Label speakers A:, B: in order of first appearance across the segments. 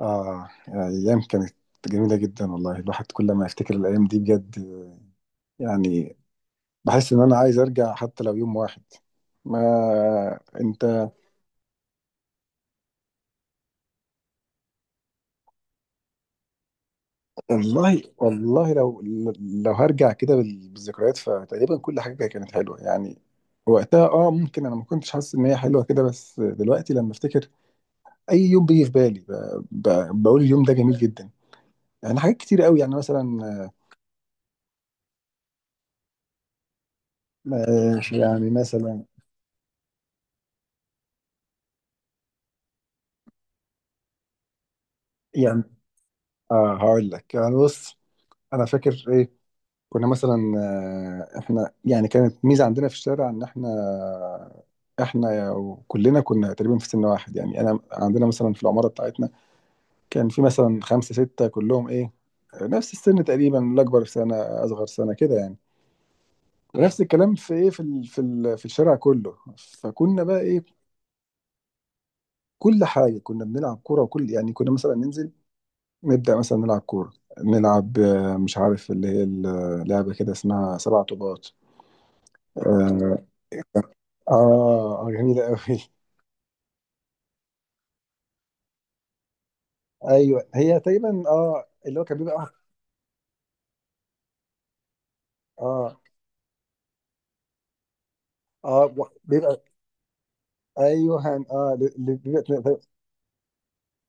A: آه يعني أيام كانت جميلة جدا والله، الواحد كل ما يفتكر الأيام دي بجد، يعني بحس إن أنا عايز أرجع حتى لو يوم واحد. ما أنت والله والله، لو هرجع كده بالذكريات، فتقريبا كل حاجة كانت حلوة، يعني وقتها ممكن انا ما كنتش حاسس ان هي حلوه كده، بس دلوقتي لما افتكر اي يوم بيجي في بالي بقول اليوم ده جميل جدا. يعني حاجات كتير قوي، يعني مثلا يعني مثلا. يعني اه هقول لك، يعني بص، انا فاكر ايه كنا مثلا. احنا يعني كانت ميزه عندنا في الشارع ان احنا كلنا كنا تقريبا في سن واحد، يعني انا عندنا مثلا في العماره بتاعتنا كان في مثلا خمسه سته، كلهم ايه نفس السن تقريبا، الاكبر في سنه اصغر سنه كده يعني. مم. ونفس الكلام في ايه، في الشارع كله، فكنا بقى ايه، كل حاجه كنا بنلعب كوره، وكل يعني كنا مثلا ننزل نبدا مثلا نلعب كوره، نلعب مش عارف اللي هي اللعبه كده اسمها سبع طوبات. آه، اه اه، جميلة قوي. ايوه هي تقريبا اللي هو كان بيبقى. اه اه، بيبقى. ايوه، بيبقى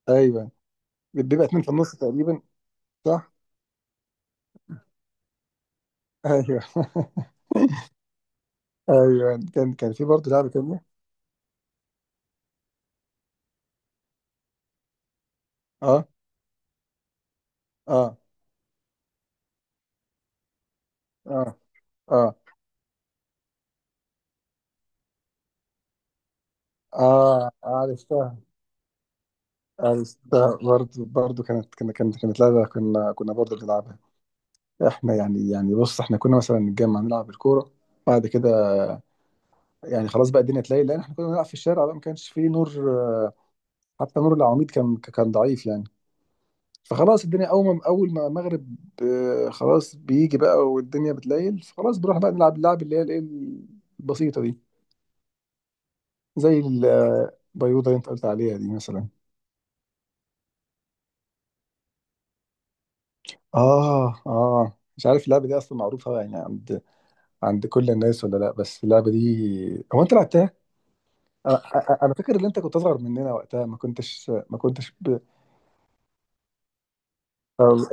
A: ايوه، بيبقى اتنين في النص تقريبا. صح. ايوه ايوه، كان في برضه لعبة تانية. اه اه اه اه اه، عرفتها عرفتها، برضه برضه كانت لعبة كنا كنا برضه بنلعبها، احنا يعني بص، احنا كنا مثلا نتجمع نلعب الكورة. بعد كده يعني خلاص بقى الدنيا تلاقي، لان احنا كنا بنلعب في الشارع بقى ما كانش فيه نور، آه، حتى نور العواميد كان ضعيف يعني. فخلاص الدنيا اول ما المغرب، خلاص بيجي بقى والدنيا بتليل، فخلاص بنروح بقى نلعب اللعب اللي هي الايه البسيطه دي، زي البيوضه اللي انت قلت عليها دي مثلا. اه اه، مش عارف اللعبه دي اصلا معروفه يعني عند كل الناس ولا لا، بس اللعبه دي هو انت لعبتها. انا، أنا فاكر ان انت كنت اصغر مننا وقتها، ما كنتش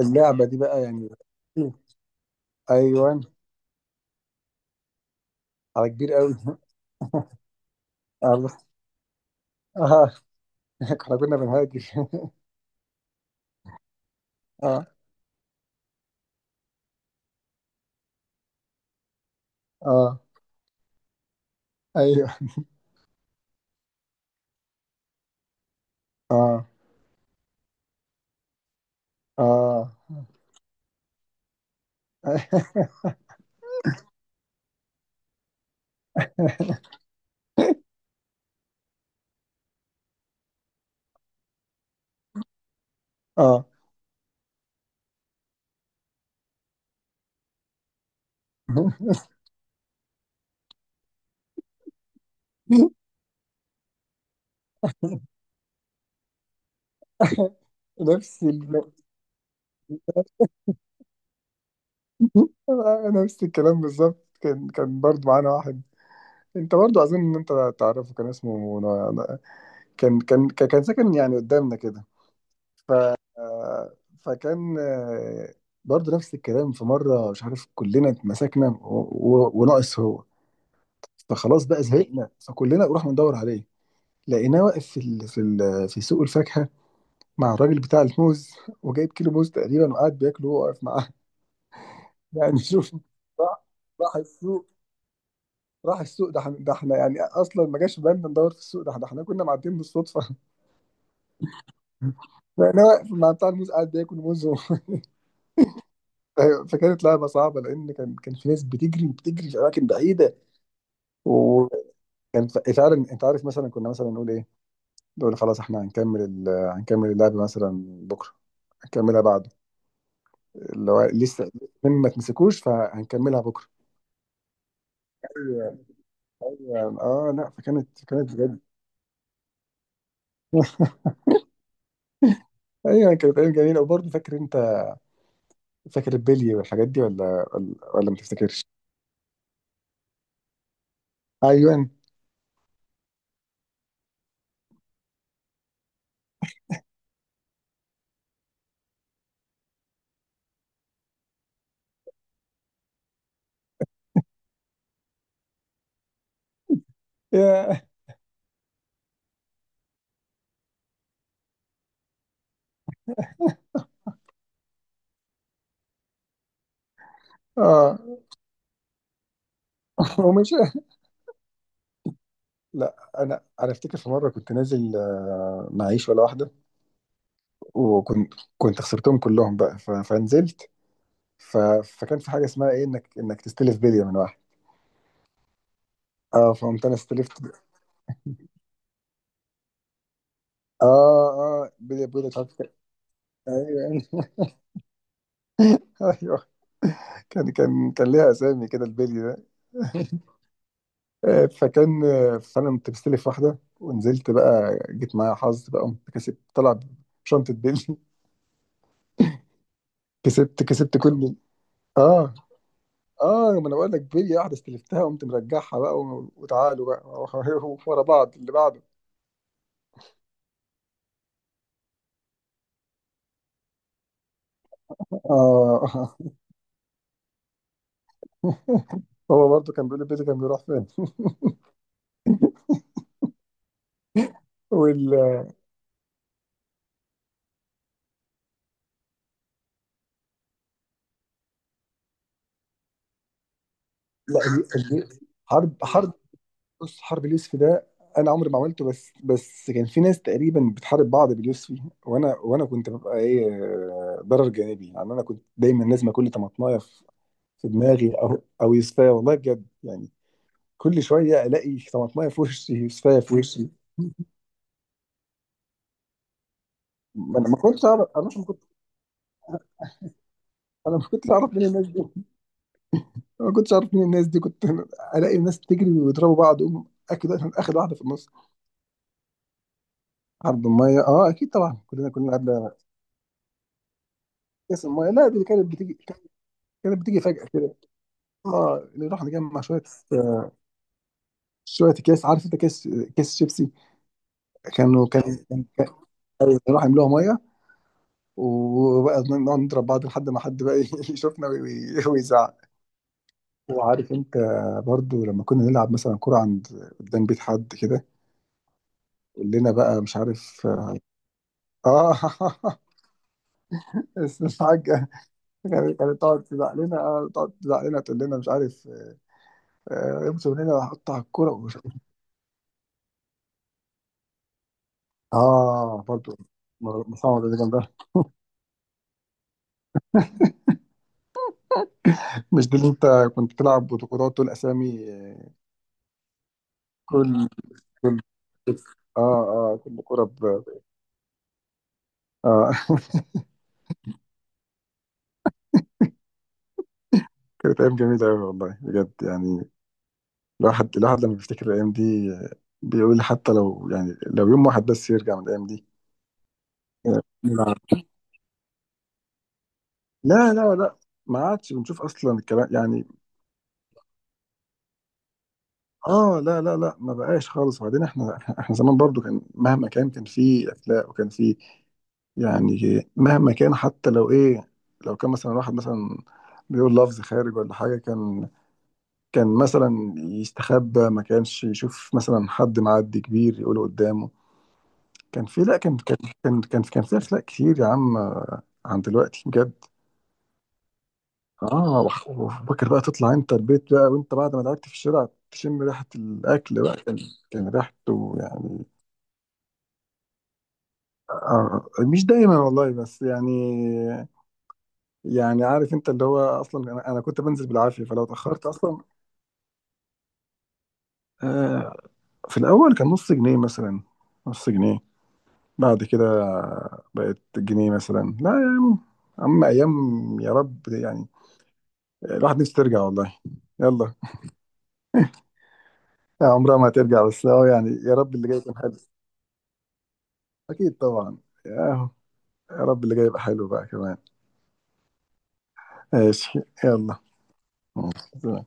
A: اللعبه دي بقى يعني. ايوه، على كبير قوي. الله. اه احنا كنا بنهاجر اه اه، ايوه، اه اه اه نفس ال... نفس الكلام بالظبط، كان برضه معانا واحد، انت برضه اظن ان انت تعرفه، كان اسمه كان ساكن يعني قدامنا كده. ف آه، فكان آه، برضه نفس الكلام، في مره مش عارف كلنا اتمسكنا وناقص هو، فخلاص بقى زهقنا، فكلنا نروح ندور عليه، لقيناه واقف في سوق الفاكهه، مع الراجل بتاع الموز، وجايب كيلو موز تقريبا وقاعد بياكله وهو واقف معاه يعني شوف، راح راح السوق راح السوق. ده احنا يعني اصلا ما جاش في بالنا ندور في السوق، ده احنا كنا معديين بالصدفه لقيناه واقف مع بتاع الموز قاعد بياكل موز أيوة، فكانت لعبه صعبه، لان كان في ناس بتجري بتجري في اماكن بعيده. وكان فعلا، انت عارف مثلا كنا مثلا نقول ايه، دول خلاص احنا هنكمل اللعب مثلا بكره، هنكملها بعده، اللي هو لسه ما تمسكوش فهنكملها بكره. ايوه ايوه، اه لا، فكانت بجد. ايوه، كانت ايام جميله. وبرضه فاكر البلي والحاجات دي، ولا ما تفتكرش؟ ايوه يا، اه ومش لا، انا افتكر في مره كنت نازل معيش ولا واحده، وكنت خسرتهم كلهم بقى، فنزلت ف... فكان في حاجه اسمها ايه، انك تستلف بليه من واحد. اه، فهمت، انا استلفت. اه اه، بلي بلي، مش عارف ايوه ايوه، كان ليها اسامي كده البلي ده. آه، فكان آه، فانا كنت مستلف واحده ونزلت بقى، جيت معايا حظ بقى، قمت كسبت طلع شنطه بلي كسبت كسبت كل. اه اه، ما انا بقول لك بلي واحده استلفتها، قمت مرجعها بقى وتعالوا بقى ورا بعض اللي بعده. اه هو برضه كان بيقول لي بيتي كان بيروح فين وال لا، ال- حرب بص، حرب اليوسف ده انا عمري ما عملته، بس كان في ناس تقريبا بتحارب بعض باليوسفي. وانا كنت ببقى ايه، ضرر جانبي يعني. انا كنت دايما لازم كل طماطمايه في دماغي او يوسفيه، والله بجد يعني، كل شويه الاقي طماطمايه في وشي يوسفيه في وشي. ما انا ما كنتش اعرف، انا ما كنتش اعرف مين الناس دي، أنا ما كنتش اعرف مين الناس دي كنت الاقي الناس بتجري ويضربوا بعض، اقوم اكيد اخد واحده في النص. عرض الميه، اه اكيد طبعا، كلنا قبل كاس الميه. لا، دي كانت بتيجي فجأة كده. اه نروح نجمع شوية، شوية اكياس، عارف انت، كيس، كيس شيبسي. كانوا كان كان كان- نروح نملوها مية، وبقى نقعد نضرب بعض لحد ما حد بقى يشوفنا ويزعق. وعارف انت، برضو لما كنا نلعب مثلا كرة قدام بيت حد كده، كلنا بقى مش عارف. اه بس الحاجة كانت تقعد تزعق لنا، تقول لنا مش عارف، امسك من هنا وهقطع الكرة اه برضو، محمد اللي جنبها، مش دول انت كنت بتلعب بطولات والاسامي. كل كل اه اه، اه كانت ايام جميلة قوي، والله بجد يعني، الواحد لما بيفتكر الايام دي بيقول حتى لو، يعني لو يوم واحد بس يرجع من الايام دي نلعب. لا لا لا، ما عادش بنشوف اصلا الكلام يعني. اه لا لا لا، ما بقاش خالص. وبعدين احنا زمان برضو، كان مهما كان، كان في اخلاق، وكان في يعني مهما كان حتى لو ايه، لو كان مثلا واحد مثلا بيقول لفظ خارج ولا حاجة، كان كان مثلا يستخبى، ما كانش يشوف مثلا حد معدي كبير يقوله قدامه. كان في لا، كان في أخلاق كتير يا عم، عن دلوقتي بجد. اه وفاكر بقى تطلع انت البيت بقى وانت بعد ما لعبت في الشارع تشم ريحة الأكل بقى، كان ريحته يعني. آه مش دايما والله، بس يعني، يعني عارف انت، اللي هو اصلا انا كنت بنزل بالعافيه، فلو اتاخرت اصلا. آه، في الاول كان نص جنيه مثلا، نص جنيه، بعد كده بقت جنيه مثلا. لا يا عم، اما ايام. يا رب يعني الواحد نفسه ترجع والله. يلا، عمرها ما هترجع، بس يعني يا رب اللي جاي يكون حلو. اكيد طبعا. يا يا رب اللي جاي يبقى حلو بقى كمان. ماشي. يلا